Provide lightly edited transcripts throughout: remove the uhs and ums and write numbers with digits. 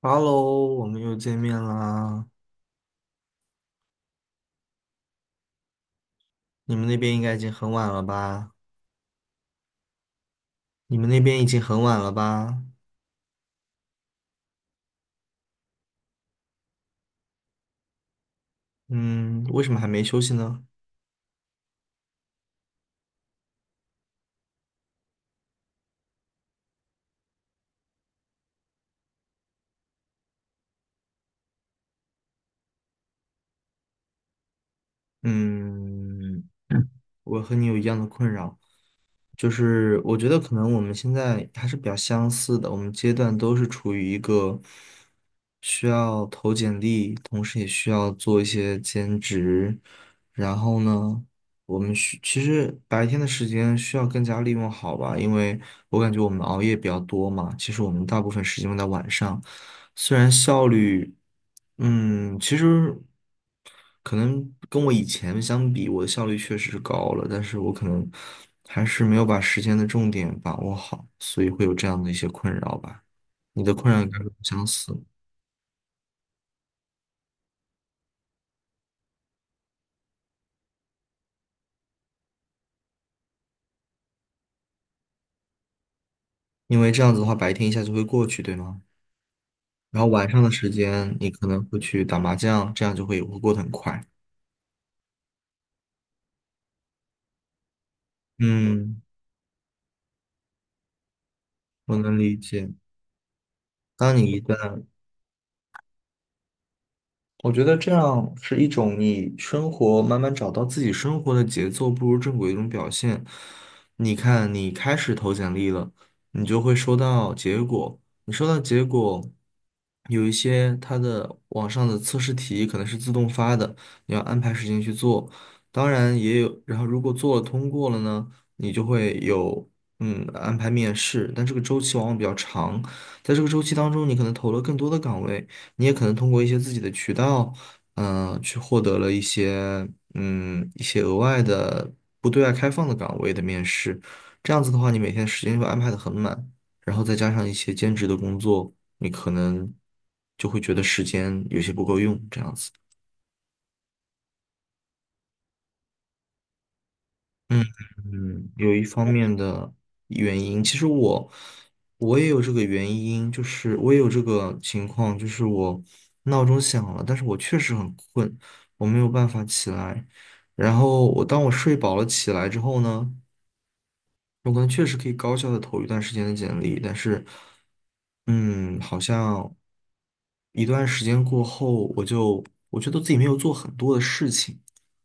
哈喽，我们又见面啦。你们那边应该已经很晚了吧？你们那边已经很晚了吧？嗯，为什么还没休息呢？嗯，我和你有一样的困扰。就是我觉得可能我们现在还是比较相似的，我们阶段都是处于一个需要投简历，同时也需要做一些兼职。然后呢，我们需其实白天的时间需要更加利用好吧，因为我感觉我们熬夜比较多嘛，其实我们大部分时间用在晚上，虽然效率，嗯，其实可能跟我以前相比，我的效率确实是高了，但是我可能还是没有把时间的重点把握好，所以会有这样的一些困扰吧。你的困扰应该很相似，因为这样子的话，白天一下就会过去，对吗？然后晚上的时间，你可能会去打麻将，这样就会过得很快。嗯，我能理解。当你一旦我觉得这样是一种你生活慢慢找到自己生活的节奏步入正轨的一种表现。你看，你开始投简历了，你就会收到结果。你收到结果，有一些它的网上的测试题可能是自动发的，你要安排时间去做。当然也有，然后如果做了通过了呢，你就会有安排面试，但这个周期往往比较长，在这个周期当中，你可能投了更多的岗位。你也可能通过一些自己的渠道，去获得了一些一些额外的不对外开放的岗位的面试。这样子的话，你每天时间就安排的很满，然后再加上一些兼职的工作，你可能就会觉得时间有些不够用，这样子。嗯嗯，有一方面的原因，其实我也有这个原因，就是我也有这个情况，就是我闹钟响了，但是我确实很困，我没有办法起来。然后我当我睡饱了起来之后呢，我可能确实可以高效的投一段时间的简历，但是，嗯，好像一段时间过后，我觉得自己没有做很多的事情，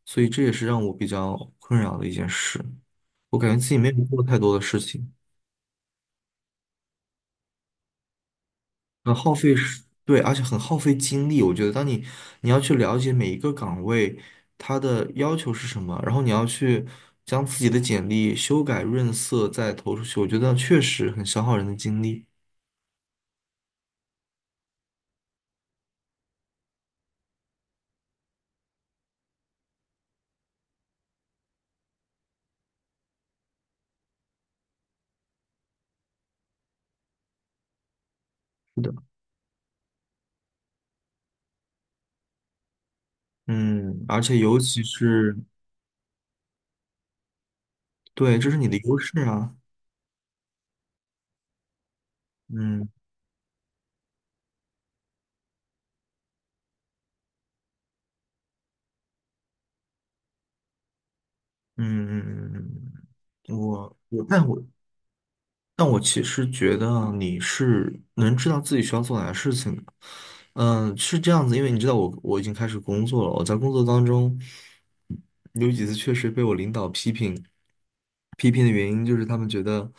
所以这也是让我比较困扰的一件事。我感觉自己没有做太多的事情，很耗费时，对，而且很耗费精力。我觉得，你要去了解每一个岗位它的要求是什么，然后你要去将自己的简历修改润色再投出去，我觉得确实很消耗人的精力。嗯，而且尤其是，对，这是你的优势啊。嗯嗯嗯嗯嗯嗯我我但我但我其实觉得啊你是能知道自己需要做哪些事情的，嗯，是这样子，因为你知道我已经开始工作了，我在工作当中有几次确实被我领导批评，批评的原因就是他们觉得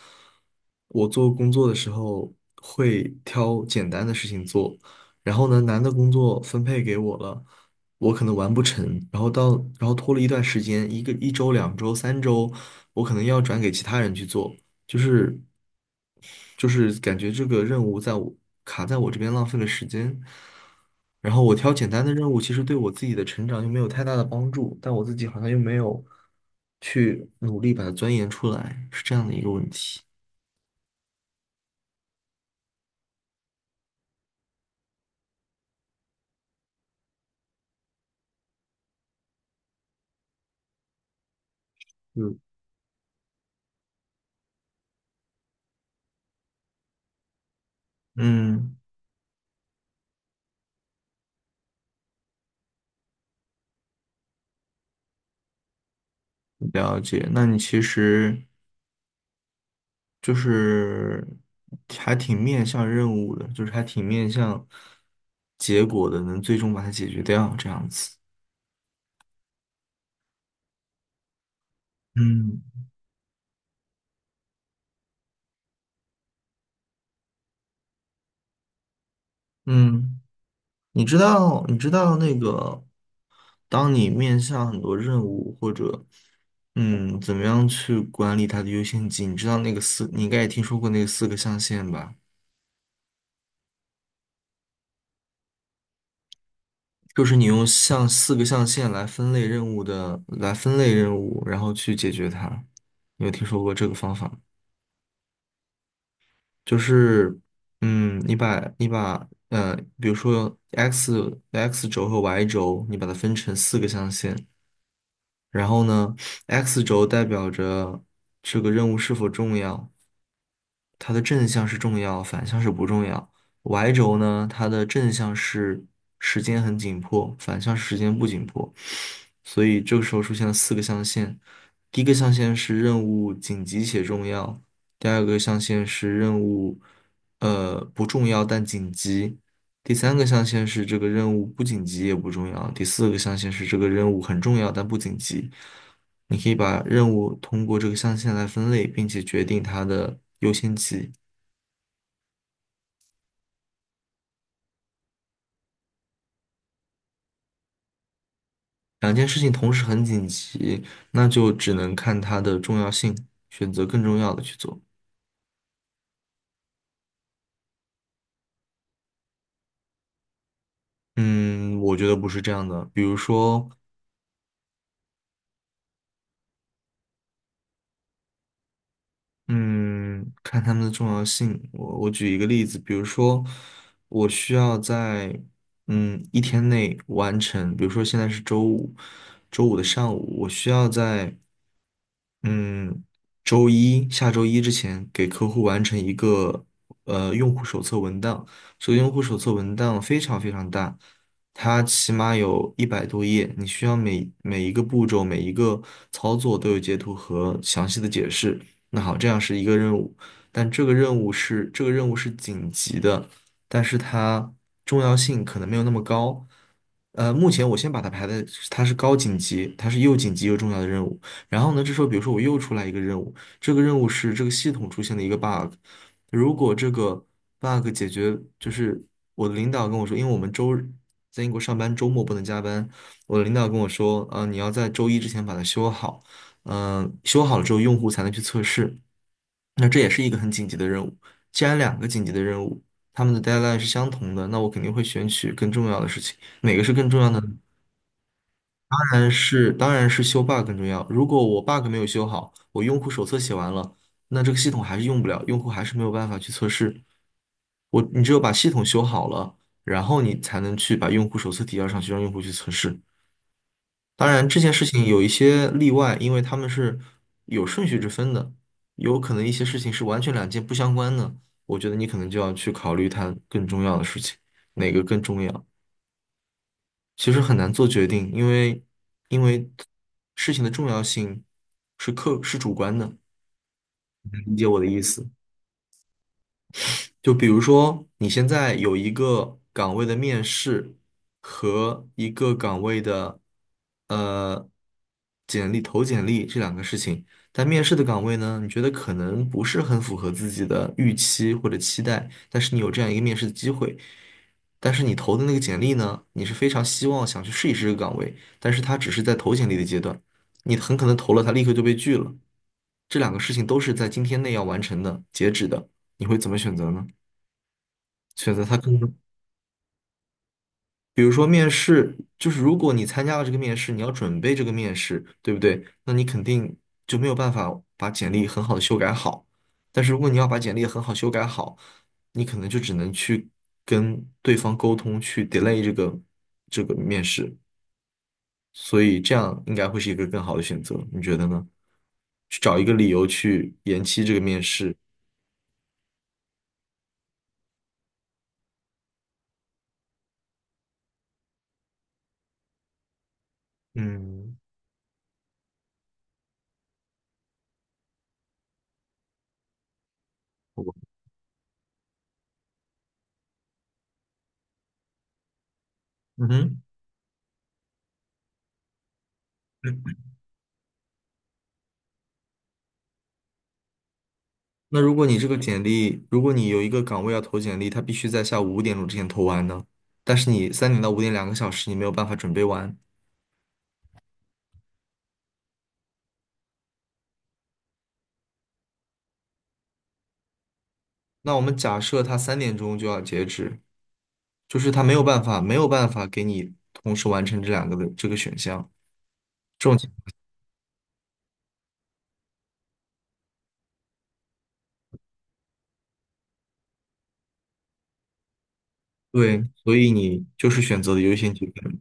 我做工作的时候会挑简单的事情做，然后呢，难的工作分配给我了，我可能完不成，然后到然后拖了一段时间，一个一周、两周、三周，我可能要转给其他人去做。就是就是感觉这个任务卡在我这边浪费了时间。然后我挑简单的任务，其实对我自己的成长又没有太大的帮助，但我自己好像又没有去努力把它钻研出来，是这样的一个问题。嗯，嗯，了解。那你其实就是还挺面向任务的，就是还挺面向结果的，能最终把它解决掉，这样子。嗯嗯。你知道那个，当你面向很多任务或者，嗯，怎么样去管理它的优先级？你知道那个四，你应该也听说过那个四个象限吧？就是你用像四个象限来分类任务的，来分类任务，然后去解决它。你有听说过这个方法吗？就是，嗯，你把你把呃，比如说 x 轴和 y 轴，你把它分成四个象限，然后呢，X 轴代表着这个任务是否重要，它的正向是重要，反向是不重要。Y 轴呢，它的正向是时间很紧迫，反向是时间不紧迫。所以这个时候出现了四个象限，第一个象限是任务紧急且重要，第二个象限是任务不重要但紧急，第三个象限是这个任务不紧急也不重要，第四个象限是这个任务很重要但不紧急。你可以把任务通过这个象限来分类，并且决定它的优先级。两件事情同时很紧急，那就只能看它的重要性，选择更重要的去做。嗯，我觉得不是这样的。比如说，嗯，看他们的重要性。我举一个例子，比如说，我需要在一天内完成，比如说现在是周五，周五的上午，我需要在嗯周一之前给客户完成一个用户手册文档。这个用户手册文档非常非常大，它起码有100多页，你需要每一个步骤、每一个操作都有截图和详细的解释。那好，这样是一个任务，但这个任务是紧急的，但是它重要性可能没有那么高。呃，目前我先把它排在它是高紧急，它是又紧急又重要的任务。然后呢，这时候比如说我又出来一个任务，这个任务是这个系统出现了一个 bug,如果这个 bug 解决，就是我的领导跟我说，因为我们周日在英国上班，周末不能加班，我的领导跟我说，呃，你要在周一之前把它修好。嗯，修好了之后用户才能去测试。那这也是一个很紧急的任务。既然两个紧急的任务，他们的 deadline 是相同的，那我肯定会选取更重要的事情。哪个是更重要的呢？当然是，当然是修 bug 更重要。如果我 bug 没有修好，我用户手册写完了，那这个系统还是用不了，用户还是没有办法去测试。你只有把系统修好了，然后你才能去把用户手册提交上去，让用户去测试。当然，这件事情有一些例外，因为他们是有顺序之分的，有可能一些事情是完全两件不相关的。我觉得你可能就要去考虑它更重要的事情，哪个更重要。其实很难做决定，因为事情的重要性是主观的，理解我的意思。就比如说，你现在有一个岗位的面试和一个岗位的呃简历这两个事情，但面试的岗位呢，你觉得可能不是很符合自己的预期或者期待，但是你有这样一个面试的机会，但是你投的那个简历呢，你是非常希望想去试一试这个岗位，但是它只是在投简历的阶段，你很可能投了，它立刻就被拒了。这两个事情都是在今天内要完成的，截止的，你会怎么选择呢？选择它更多，比如说面试，就是如果你参加了这个面试，你要准备这个面试，对不对？那你肯定就没有办法把简历很好的修改好。但是如果你要把简历很好修改好，你可能就只能去跟对方沟通，去 delay 这个面试。所以这样应该会是一个更好的选择，你觉得呢？去找一个理由去延期这个面试。嗯，我，嗯哼。那如果你这个简历，如果你有一个岗位要投简历，他必须在下午5点钟之前投完呢。但是你3点到5点2个小时，你没有办法准备完。那我们假设他3点钟就要截止，就是他没有办法，没有办法给你同时完成这两个的这个选项。这种情对，所以你就是选择了优先级更。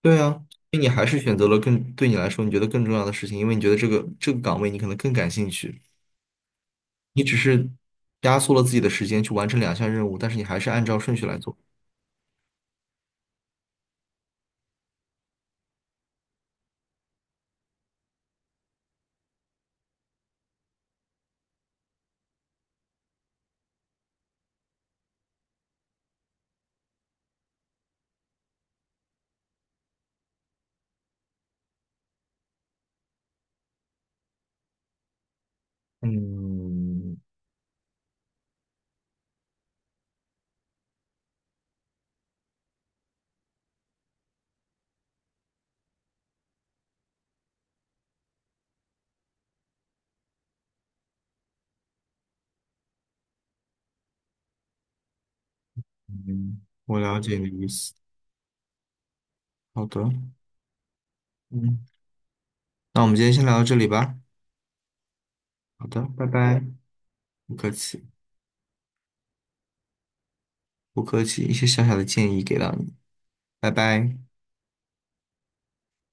对啊，因为你还是选择了更对你来说你觉得更重要的事情，因为你觉得这个岗位你可能更感兴趣，你只是压缩了自己的时间去完成两项任务，但是你还是按照顺序来做。嗯嗯，我了解你的意思。好的，嗯，那我们今天先聊到这里吧。好的，拜拜。不客气，不客气，一些小小的建议给到你，拜拜。